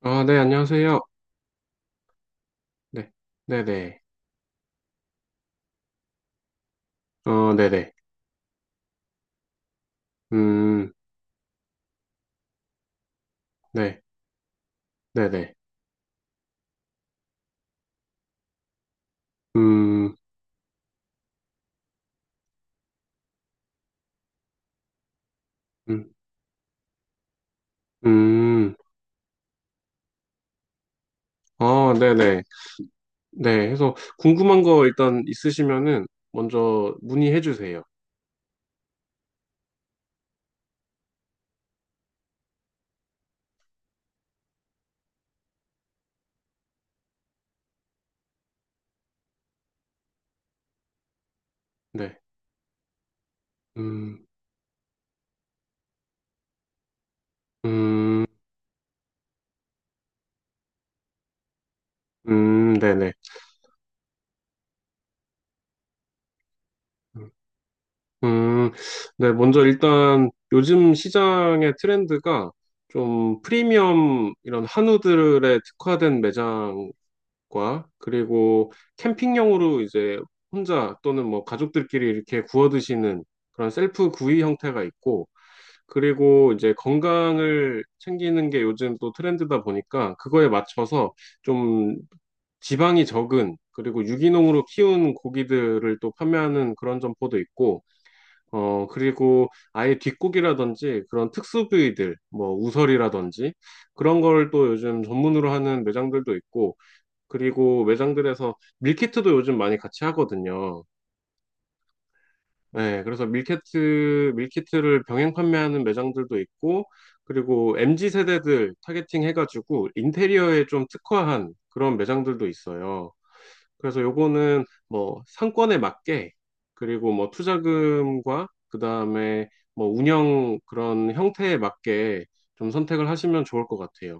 아, 네, 안녕하세요. 네, 네네. 어, 네네. 음, 네, 네네. 음, 음, 음. 아, 네네. 네, 해서 궁금한 거 일단 있으시면은 먼저 문의해 주세요. 네, 음, 음, 네네. 음, 네, 먼저 일단 요즘 시장의 트렌드가 좀 프리미엄 이런 한우들에 특화된 매장 과 그리고 캠핑용으로 이제 혼자 또는 뭐 가족들끼리 이렇게 구워 드시는 그런 셀프 구이 형태가 있고, 그리고 이제 건강을 챙기는 게 요즘 또 트렌드다 보니까 그거에 맞춰서 좀 지방이 적은 그리고 유기농으로 키운 고기들을 또 판매하는 그런 점포도 있고, 그리고 아예 뒷고기라든지 그런 특수 부위들, 뭐 우설이라든지 그런 걸 또 요즘 전문으로 하는 매장들도 있고, 그리고 매장들에서 밀키트도 요즘 많이 같이 하거든요. 네, 그래서 밀키트를 병행 판매하는 매장들도 있고, 그리고 MZ 세대들 타겟팅 해가지고 인테리어에 좀 특화한 그런 매장들도 있어요. 그래서 요거는 뭐 상권에 맞게, 그리고 뭐 투자금과 그 다음에 뭐 운영 그런 형태에 맞게 좀 선택을 하시면 좋을 것 같아요.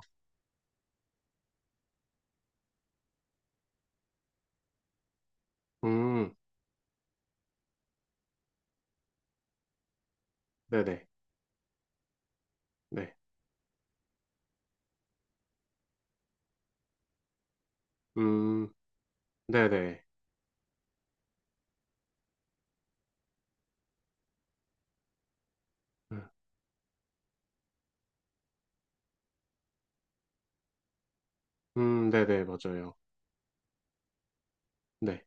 음, 네네, 네, 음, 네네. 음. 네네, 맞아요. 네.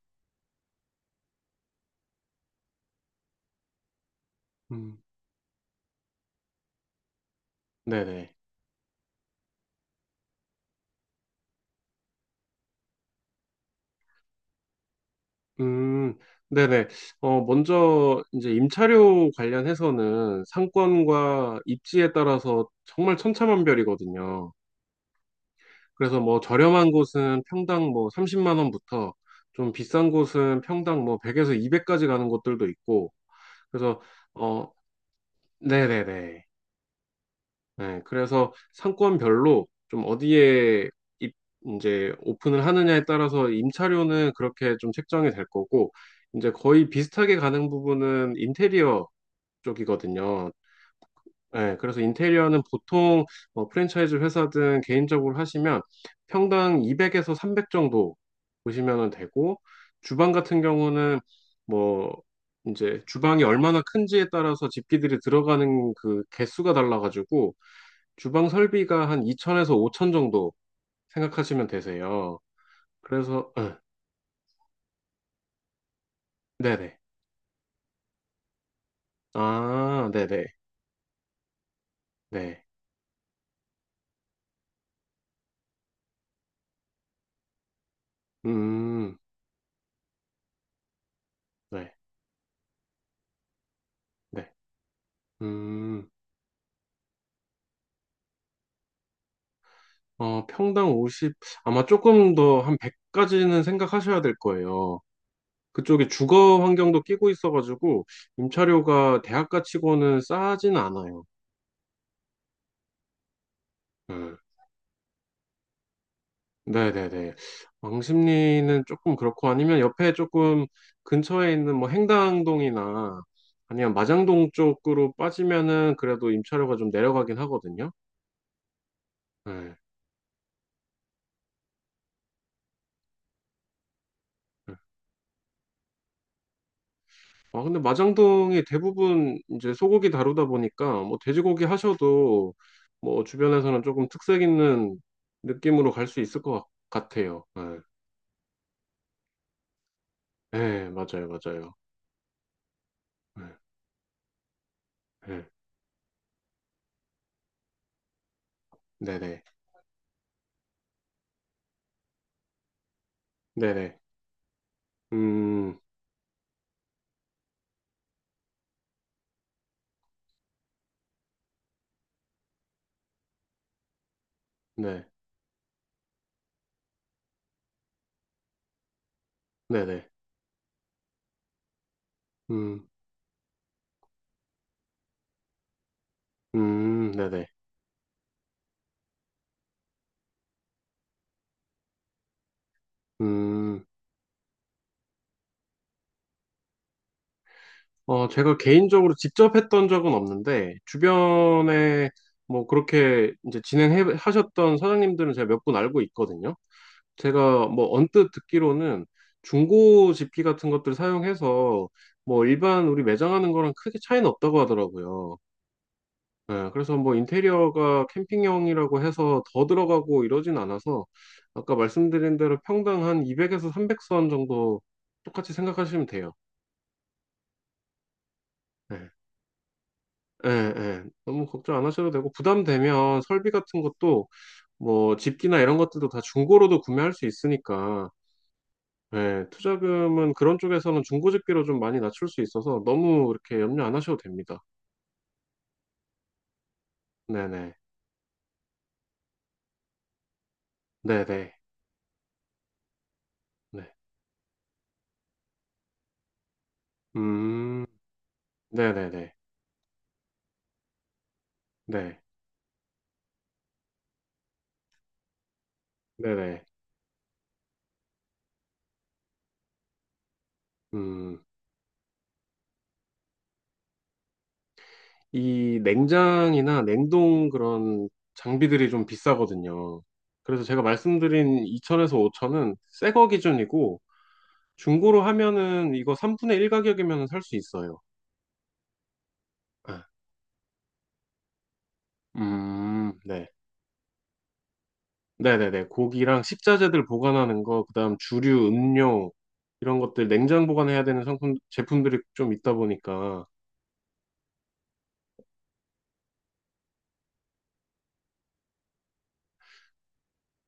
음, 네네. 음, 네네. 어, 먼저, 이제 임차료 관련해서는 상권과 입지에 따라서 정말 천차만별이거든요. 그래서 뭐 저렴한 곳은 평당 뭐 30만 원부터 좀 비싼 곳은 평당 뭐 100에서 200까지 가는 곳들도 있고, 그래서, 어, 네네네. 네, 그래서 상권별로 좀 어디에 입, 이제 오픈을 하느냐에 따라서 임차료는 그렇게 좀 책정이 될 거고, 이제 거의 비슷하게 가는 부분은 인테리어 쪽이거든요. 네, 그래서 인테리어는 보통 뭐 프랜차이즈 회사든 개인적으로 하시면 평당 200에서 300 정도 보시면 되고, 주방 같은 경우는 뭐 이제 주방이 얼마나 큰지에 따라서 집기들이 들어가는 그 개수가 달라가지고, 주방 설비가 한 2천에서 5천 정도 생각하시면 되세요. 그래서, 응, 네네. 아, 네네. 네. 음, 네, 네. 음, 어, 평당 50, 아마 조금 더 한 100까지는 생각하셔야 될 거예요. 그쪽에 주거 환경도 끼고 있어가지고, 임차료가 대학가 치고는 싸진 않아요. 음. 네네네. 왕십리는 조금 그렇고 아니면 옆에 조금 근처에 있는 뭐 행당동이나 아니면 마장동 쪽으로 빠지면은 그래도 임차료가 좀 내려가긴 하거든요. 네. 네. 아, 근데 마장동이 대부분 이제 소고기 다루다 보니까 뭐 돼지고기 하셔도 뭐 주변에서는 조금 특색 있는 느낌으로 갈 수 있을 것 같아요. 네. 네, 맞아요, 맞아요. 네, 네, 네네, 네네, 음, 네, 네네. 음. 네네. 음, 어, 제가 개인적으로 직접 했던 적은 없는데, 주변에 뭐 그렇게 이제 진행해 하셨던 사장님들은 제가 몇 분 알고 있거든요. 제가 뭐 언뜻 듣기로는 중고 집기 같은 것들 사용해서 뭐 일반 우리 매장하는 거랑 크게 차이는 없다고 하더라고요. 예, 그래서 뭐 인테리어가 캠핑형이라고 해서 더 들어가고 이러진 않아서 아까 말씀드린 대로 평당 한 200에서 300선 정도 똑같이 생각하시면 돼요. 예. 예, 예. 너무 걱정 안 하셔도 되고, 부담되면 설비 같은 것도, 뭐, 집기나 이런 것들도 다 중고로도 구매할 수 있으니까, 예, 투자금은 그런 쪽에서는 중고 집기로 좀 많이 낮출 수 있어서 너무 이렇게 염려 안 하셔도 됩니다. 네네. 네네. 네. 음, 네네네. 네. 네네. 음, 이 냉장이나 냉동 그런 장비들이 좀 비싸거든요. 그래서 제가 말씀드린 네천에서네천은 새거 기준이고, 중고로 하면은 이거 3분의 1 가격이면 살 수 있어요. 네. 네. 네네네. 고기랑 식자재들 보관하는 거, 그다음 주류, 음료, 이런 것들 냉장 보관해야 되는 상품, 제품들이 좀 있다 보니까.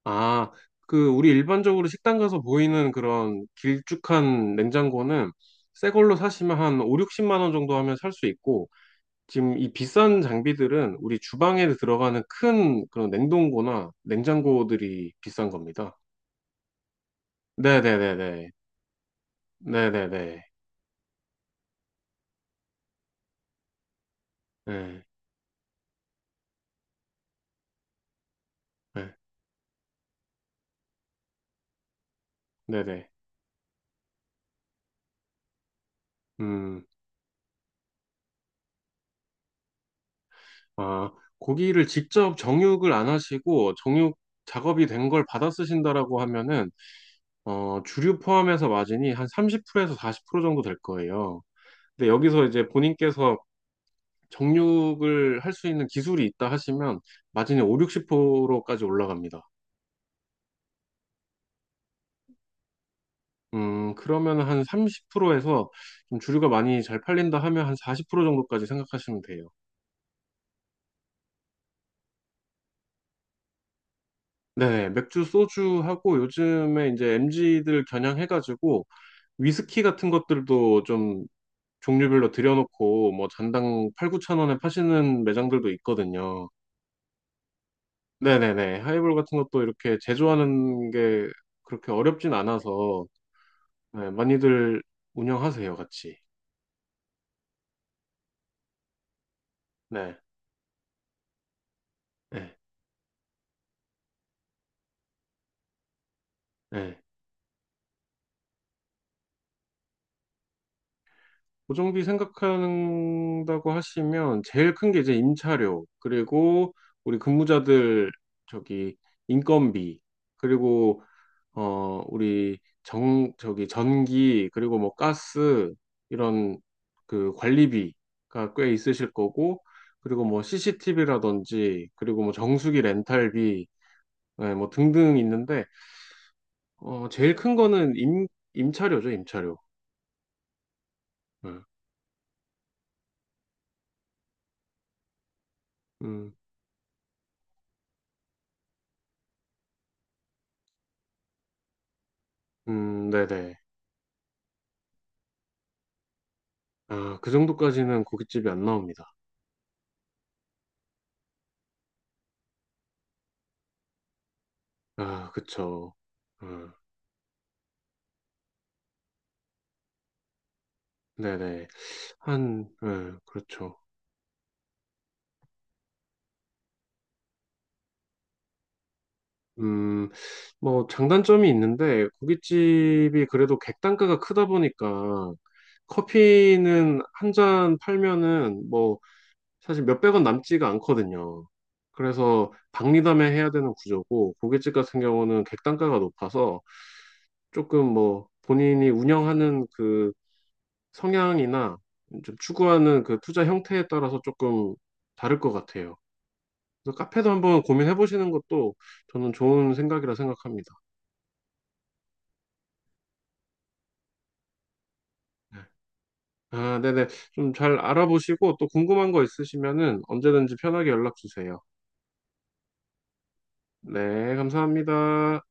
아, 그, 우리 일반적으로 식당 가서 보이는 그런 길쭉한 냉장고는 새 걸로 사시면 한 5, 60만 원 정도 하면 살 수 있고, 지금 이 비싼 장비들은 우리 주방에 들어가는 큰 그런 냉동고나 냉장고들이 비싼 겁니다. 네네네네. 네네네. 네. 네. 네네. 음, 아, 고기를 직접 정육을 안 하시고 정육 작업이 된 걸 받아 쓰신다라고 하면은, 어, 주류 포함해서 마진이 한 30%에서 40% 정도 될 거예요. 근데 여기서 이제 본인께서 정육을 할 수 있는 기술이 있다 하시면 마진이 5, 60%까지 올라갑니다. 그러면 한 30%에서 좀 주류가 많이 잘 팔린다 하면 한 40% 정도까지 생각하시면 돼요. 네, 맥주, 소주하고 요즘에 이제 m 지들 겨냥해가지고 위스키 같은 것들도 좀 종류별로 들여놓고 뭐 잔당 8, 9천 원에 파시는 매장들도 있거든요. 네네네. 하이볼 같은 것도 이렇게 제조하는 게 그렇게 어렵진 않아서 네, 많이들 운영하세요, 같이. 네. 네. 네. 고정비 생각한다고 하시면 제일 큰 게 이제 임차료, 그리고 우리 근무자들 저기 인건비, 그리고 우리 정 저기 전기, 그리고 뭐 가스 이런 그 관리비가 꽤 있으실 거고, 그리고 뭐 CCTV라든지, 그리고 뭐 정수기 렌탈비, 네, 뭐 등등 있는데 제일 큰 거는 임 임차료죠, 임차료. 네. 음, 네네. 아, 그 정도까지는 고깃집이 안 나옵니다. 아, 그쵸. 음, 네네. 한, 그렇죠. 음, 뭐, 장단점이 있는데, 고깃집이 그래도 객단가가 크다 보니까, 커피는 한 잔 팔면은, 뭐, 사실 몇백 원 남지가 않거든요. 그래서, 박리담에 해야 되는 구조고, 고깃집 같은 경우는 객단가가 높아서, 조금 뭐, 본인이 운영하는 그 성향이나 좀 추구하는 그 투자 형태에 따라서 조금 다를 것 같아요. 그래서 카페도 한번 고민해 보시는 것도 저는 좋은 생각이라 생각합니다. 네. 아, 네네. 좀 잘 알아보시고 또 궁금한 거 있으시면은 언제든지 편하게 연락 주세요. 네, 감사합니다.